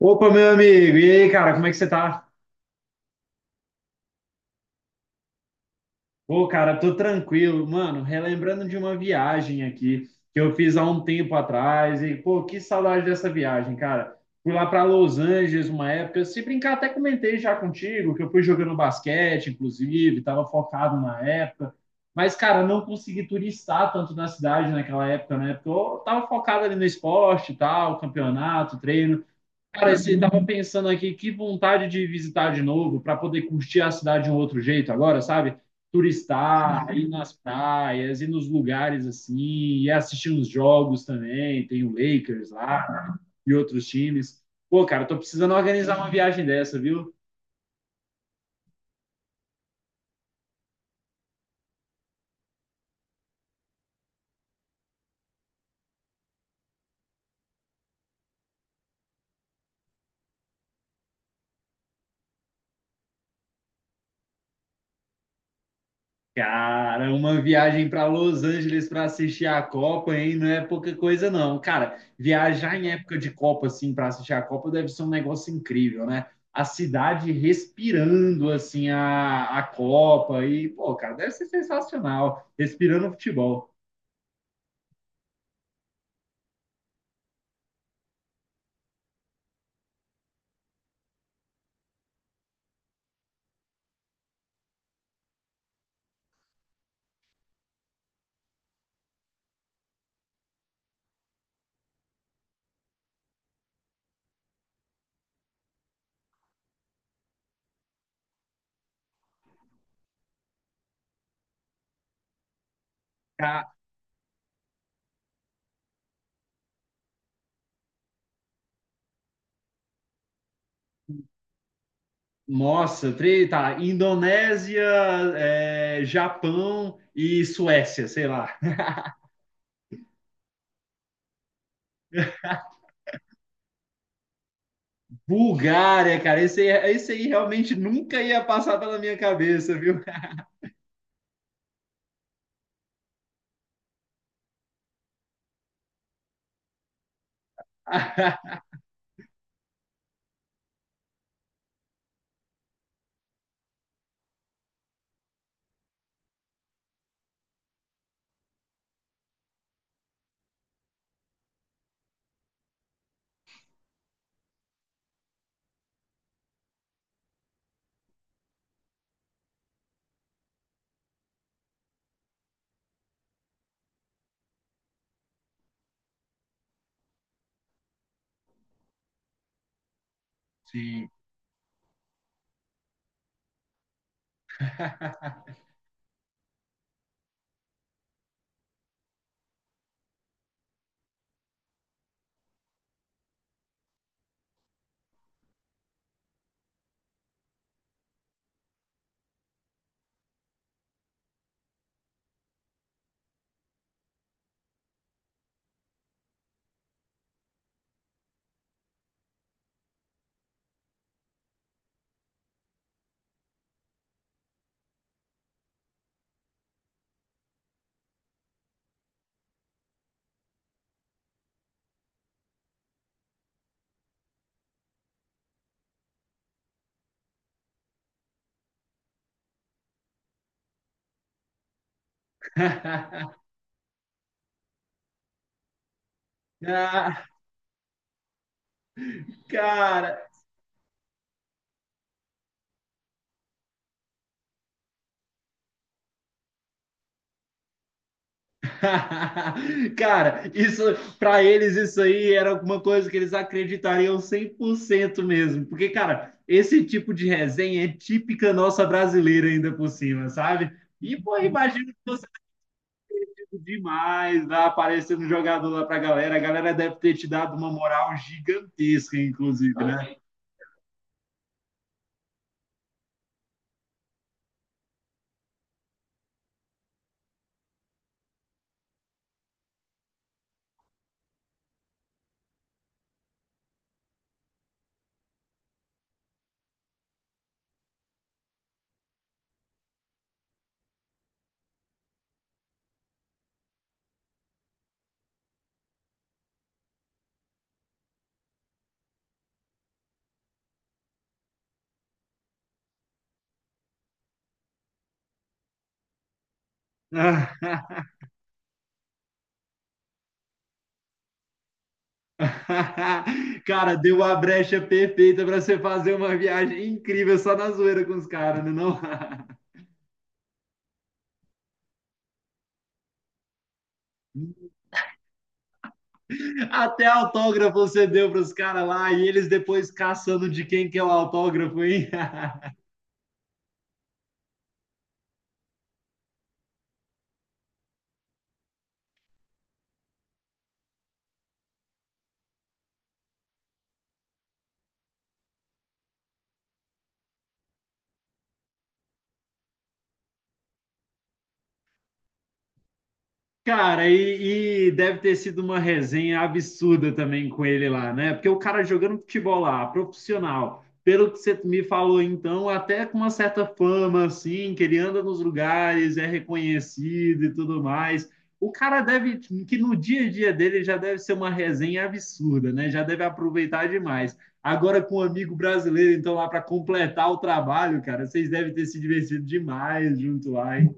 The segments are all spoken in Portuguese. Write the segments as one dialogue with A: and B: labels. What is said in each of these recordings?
A: Opa, meu amigo, e aí, cara, como é que você tá? Pô, cara, tô tranquilo, mano, relembrando de uma viagem aqui que eu fiz há um tempo atrás e, pô, que saudade dessa viagem, cara. Fui lá pra Los Angeles uma época, se brincar, até comentei já contigo que eu fui jogando basquete, inclusive, tava focado na época, mas, cara, não consegui turistar tanto na cidade naquela época, né? Porque eu tava focado ali no esporte e tal, campeonato, treino. Cara, você estavam pensando aqui, que vontade de visitar de novo para poder curtir a cidade de um outro jeito agora, sabe? Turistar, ir nas praias, ir nos lugares assim, e assistir uns jogos também. Tem o Lakers lá e outros times. Pô, cara, tô precisando organizar uma viagem dessa, viu? Cara, uma viagem para Los Angeles para assistir a Copa, hein? Não é pouca coisa, não. Cara, viajar em época de Copa, assim, para assistir a Copa deve ser um negócio incrível, né? A cidade respirando, assim, a Copa. E, pô, cara, deve ser sensacional. Respirando futebol. Ca- Nossa, tá. Indonésia, é, Japão e Suécia, sei lá. Bulgária, cara, esse aí realmente nunca ia passar pela minha cabeça, viu? Sim. Ah, cara, cara, isso para eles isso aí era alguma coisa que eles acreditariam 100% mesmo, porque cara, esse tipo de resenha é típica nossa brasileira ainda por cima, sabe? E pô, imagina que você riu demais lá aparecendo um jogador lá pra galera, a galera deve ter te dado uma moral gigantesca, inclusive, né? Cara, deu a brecha perfeita para você fazer uma viagem incrível só na zoeira com os caras, né? Não? Até autógrafo você deu para os caras lá e eles depois caçando de quem que é o autógrafo, hein? Cara, e deve ter sido uma resenha absurda também com ele lá, né? Porque o cara jogando futebol lá, profissional, pelo que você me falou então, até com uma certa fama, assim, que ele anda nos lugares, é reconhecido e tudo mais. O cara deve, que no dia a dia dele já deve ser uma resenha absurda, né? Já deve aproveitar demais. Agora com um amigo brasileiro, então, lá para completar o trabalho, cara, vocês devem ter se divertido demais junto lá, hein?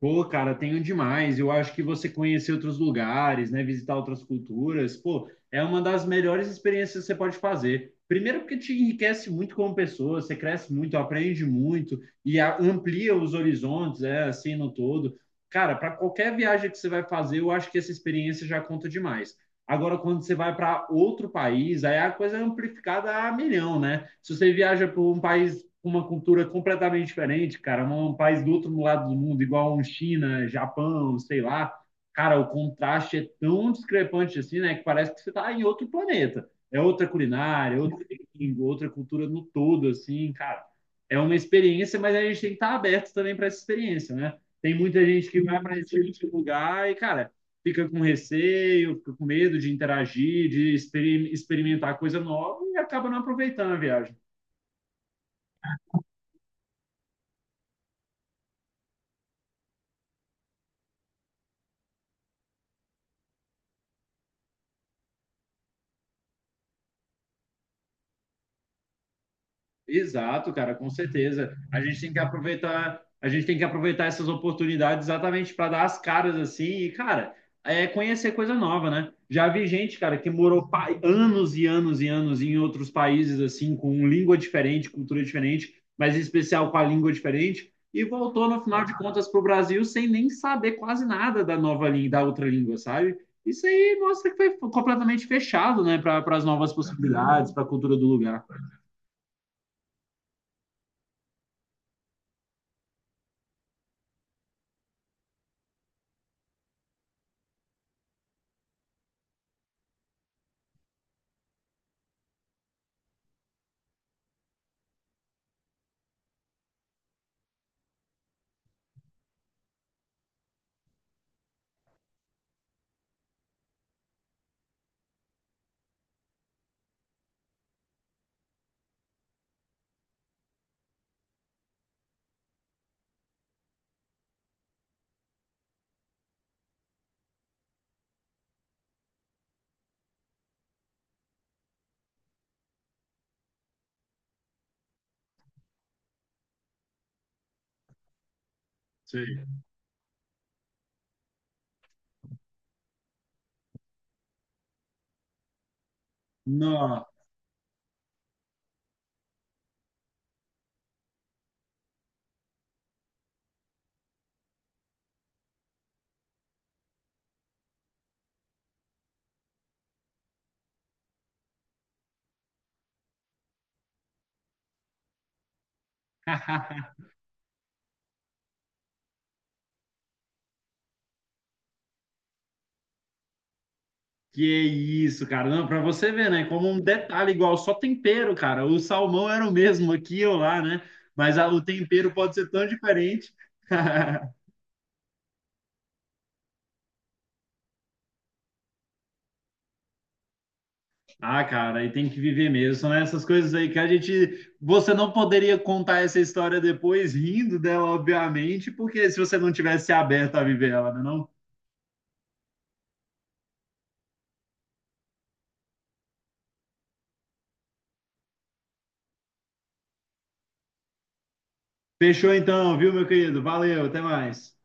A: Pô, cara, tenho demais. Eu acho que você conhecer outros lugares, né, visitar outras culturas, pô, é uma das melhores experiências que você pode fazer. Primeiro porque te enriquece muito como pessoa, você cresce muito, aprende muito e amplia os horizontes, é assim no todo. Cara, para qualquer viagem que você vai fazer, eu acho que essa experiência já conta demais. Agora, quando você vai para outro país, aí a coisa é amplificada a milhão, né? Se você viaja para um país com uma cultura completamente diferente, cara, um país do outro lado do mundo, igual um China, Japão, sei lá, cara, o contraste é tão discrepante assim, né, que parece que você está em outro planeta. É outra culinária, é outra língua, outra cultura no todo, assim, cara. É uma experiência, mas a gente tem que estar aberto também para essa experiência, né? Tem muita gente que vai para esse tipo de lugar e, cara, fica com receio, fica com medo de interagir, de experimentar coisa nova e acaba não aproveitando a viagem. Exato, cara, com certeza. A gente tem que aproveitar, a gente tem que aproveitar essas oportunidades exatamente para dar as caras assim e, cara, é conhecer coisa nova, né? Já vi gente, cara, que morou anos e anos e anos em outros países assim, com língua diferente, cultura diferente, mas em especial com a língua diferente, e voltou no final de contas para o Brasil sem nem saber quase nada da nova língua, da outra língua, sabe? Isso aí mostra que foi completamente fechado, né, para as novas possibilidades, para a cultura do lugar. Sim. Não. Que isso, cara. Não, pra você ver, né? Como um detalhe igual, só tempero, cara. O salmão era o mesmo aqui ou lá, né? Mas o tempero pode ser tão diferente. Ah, cara, aí tem que viver mesmo. São essas coisas aí que a gente. Você não poderia contar essa história depois, rindo dela, obviamente, porque se você não tivesse aberto a viver ela, né? Não? Fechou então, viu, meu querido? Valeu, até mais.